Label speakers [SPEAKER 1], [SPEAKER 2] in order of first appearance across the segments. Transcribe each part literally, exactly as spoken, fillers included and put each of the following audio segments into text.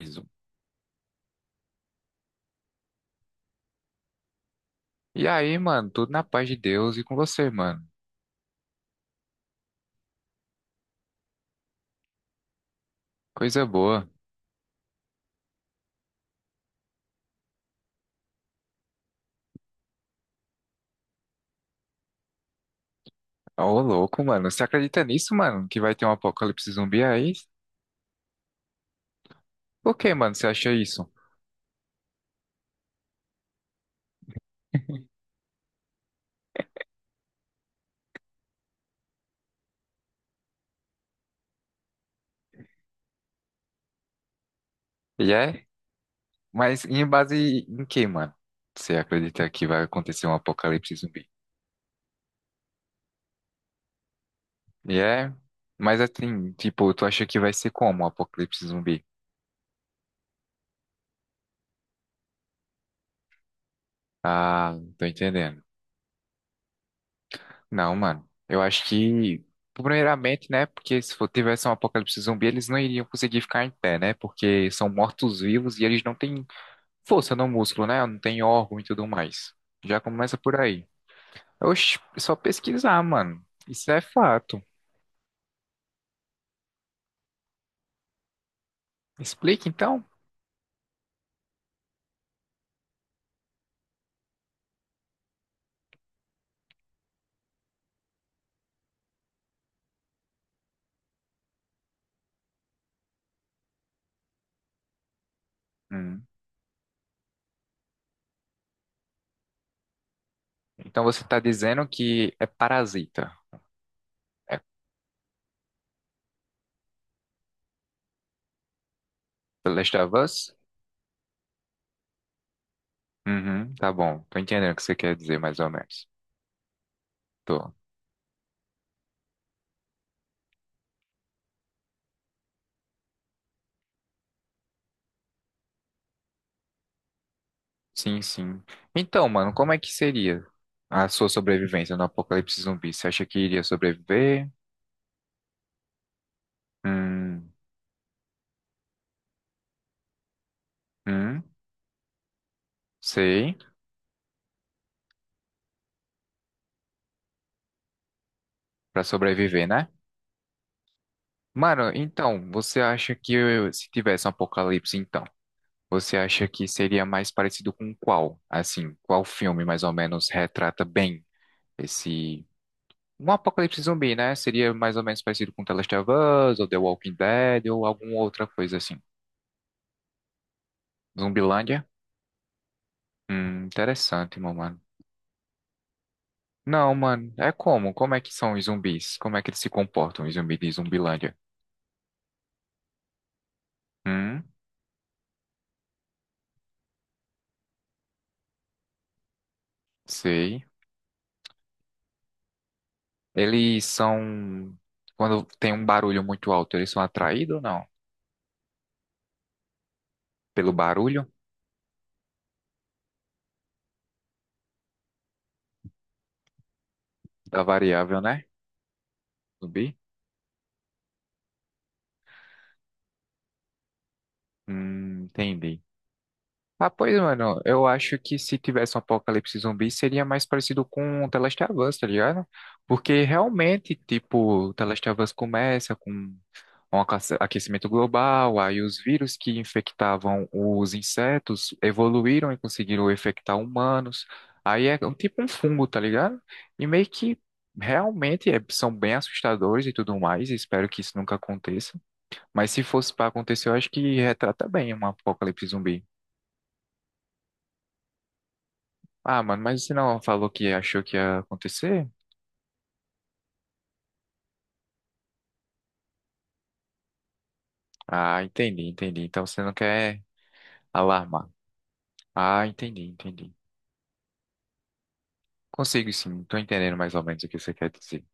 [SPEAKER 1] Isso. E aí, mano, tudo na paz de Deus e com você, mano. Coisa boa. Ô, louco, mano. Você acredita nisso, mano? Que vai ter um apocalipse zumbi aí? Por que, mano, você acha isso? E é? Mas em base em que, mano? Você acredita que vai acontecer um apocalipse zumbi? E é? Mas assim, tipo, tu acha que vai ser como um apocalipse zumbi? Ah, tô entendendo. Não, mano. Eu acho que, primeiramente, né? Porque se for- tivesse um apocalipse zumbi, eles não iriam conseguir ficar em pé, né? Porque são mortos-vivos e eles não têm força no músculo, né? Não tem órgão e tudo mais. Já começa por aí. Oxi, é só pesquisar, mano. Isso é fato. Explica então. Hum. Então você tá dizendo que é parasita. É The Last of Us? Uhum, tá bom. Tô entendendo o que você quer dizer, mais ou menos. Tô. Sim, sim. Então, mano, como é que seria a sua sobrevivência no apocalipse zumbi? Você acha que iria sobreviver? Hum, hum, sei. Pra sobreviver, né? Mano, então, você acha que eu- se tivesse um apocalipse, então, você acha que seria mais parecido com qual? Assim, qual filme mais ou menos retrata bem esse. Um apocalipse zumbi, né? Seria mais ou menos parecido com The Last of Us, ou The Walking Dead, ou alguma outra coisa assim. Zumbilândia? Hum, interessante, meu mano. Não, mano, é como? Como é que são os zumbis? Como é que eles se comportam, os zumbis de Zumbilândia? Hum, sei. Eles são. Quando tem um barulho muito alto, eles são atraídos ou não? Pelo barulho da variável, né? Zumbi? Hum, entendi. Ah, pois, mano, eu acho que se tivesse um apocalipse zumbi seria mais parecido com The Last of Us, tá ligado? Porque realmente, tipo, The Last of Us começa com um aquece- aquecimento global, aí os vírus que infectavam os insetos evoluíram e conseguiram infectar humanos. Aí é um- tipo um fungo, tá ligado? E meio que realmente é- são bem assustadores e tudo mais, e espero que isso nunca aconteça. Mas se fosse pra acontecer, eu acho que retrata bem um apocalipse zumbi. Ah, mano, mas você não falou que achou que ia acontecer? Ah, entendi, entendi. Então você não quer alarmar. Ah, entendi, entendi. Consigo sim, tô entendendo mais ou menos o que você quer dizer.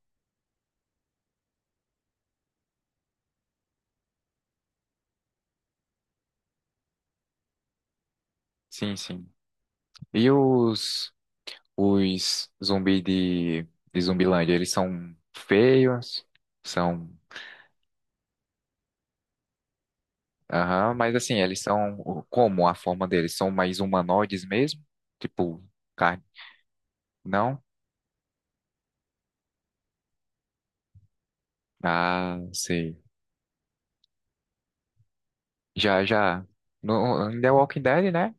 [SPEAKER 1] Sim, sim. E os, os zumbi de, de Zumbilândia, eles são feios? São. Aham, mas assim, eles são. o- Como a forma deles? São mais humanoides mesmo? Tipo, carne? Não? Ah, sei. Já, já. No, em The Walking Dead, né?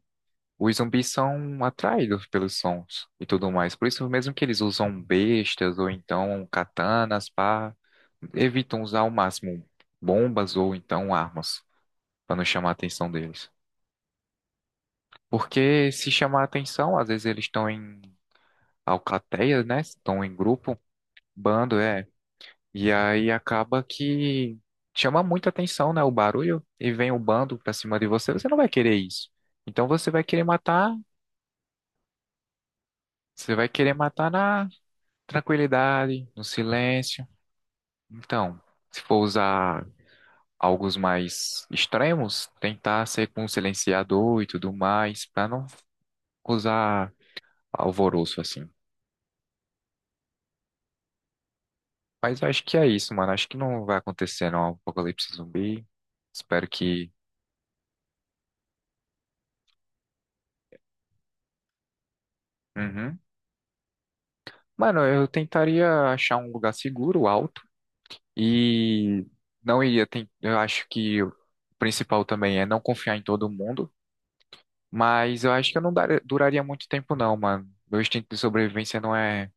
[SPEAKER 1] Os zumbis são atraídos pelos sons e tudo mais. Por isso mesmo que eles usam bestas ou então katanas para evitam usar ao máximo bombas ou então armas para não chamar a atenção deles. Porque se chamar a atenção, às vezes eles estão em alcateia, né? Estão em grupo, bando, é. E aí acaba que chama muita atenção, né? O barulho e vem o bando pra cima de você, você não vai querer isso. Então você vai querer matar, você vai querer matar na tranquilidade, no silêncio. Então, se for usar algo mais extremos, tentar ser com um silenciador e tudo mais, para não usar alvoroço assim. Mas eu acho que é isso, mano. Acho que não vai acontecer não, apocalipse zumbi. Espero que. Uhum. Mano, eu tentaria achar um lugar seguro, alto, e não iria. ten- Eu acho que o principal também é não confiar em todo mundo. Mas eu acho que eu não dar- duraria muito tempo, não, mano. Meu instinto de sobrevivência não é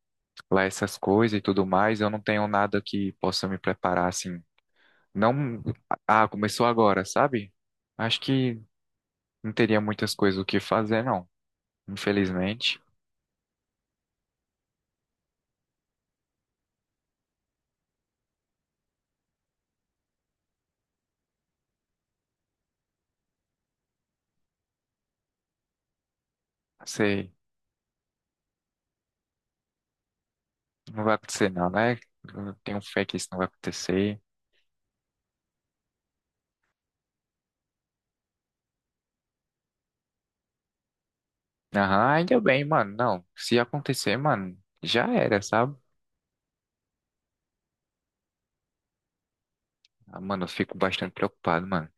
[SPEAKER 1] lá essas coisas e tudo mais. Eu não tenho nada que possa me preparar, assim. Não. Ah, começou agora, sabe? Acho que não teria muitas coisas o que fazer, não. Infelizmente. Sei. Não vai acontecer, não, né? Eu tenho fé que isso não vai acontecer. Aham, ainda bem, mano. Não. Se acontecer, mano, já era, sabe? Ah, mano, eu fico bastante preocupado, mano.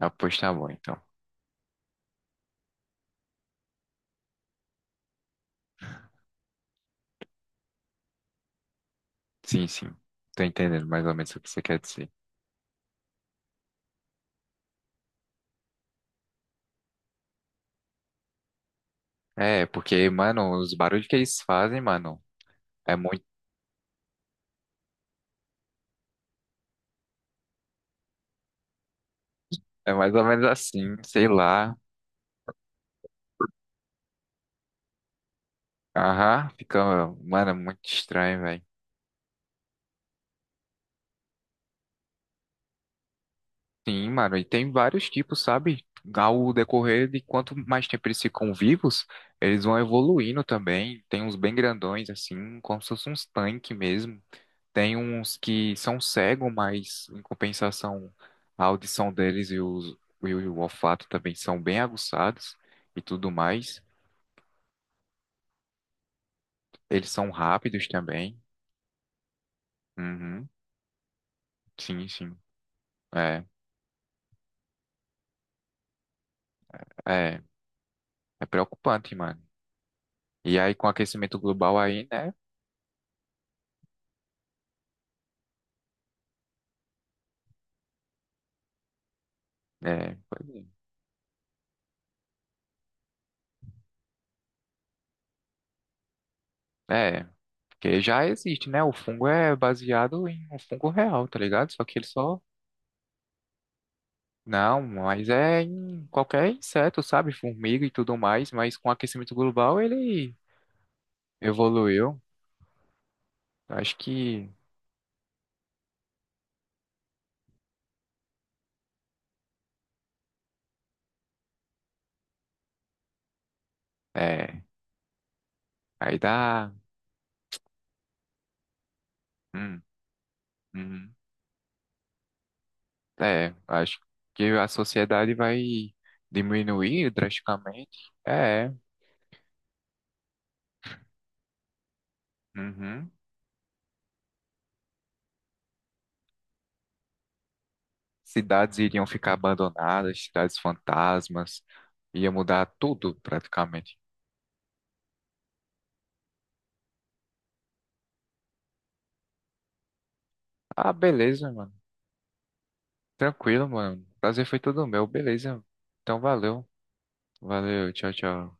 [SPEAKER 1] Ah, pois tá bom, então. Sim, sim. Tô entendendo mais ou menos o que você quer dizer. É, porque, mano, os barulhos que eles fazem, mano, é muito, é mais ou menos assim, sei lá. Aham, fica, mano, é muito estranho, velho. Sim, mano, e tem vários tipos, sabe? Ao decorrer de quanto mais tempo eles ficam vivos, eles vão evoluindo também. Tem uns bem grandões, assim, como se fosse uns tanques mesmo. Tem uns que são cegos, mas em compensação, a audição deles e, os, e o olfato também são bem aguçados e tudo mais. Eles são rápidos também. Uhum. Sim, sim. É, é, é preocupante, mano. E aí, com o aquecimento global aí, né? É, pois é, É, porque já existe, né? O fungo é baseado em um fungo real, tá ligado? Só que ele só. Não, mas é em qualquer inseto, sabe? Formiga e tudo mais, mas com o aquecimento global ele evoluiu. Acho que é. Aí dá. Hum, uhum. É, acho que a sociedade vai diminuir drasticamente. É. é. Uhum. Cidades iriam ficar abandonadas, cidades fantasmas. Ia mudar tudo praticamente. Ah, beleza, mano. Tranquilo, mano. Prazer foi todo meu, beleza. Então valeu. Valeu, tchau, tchau.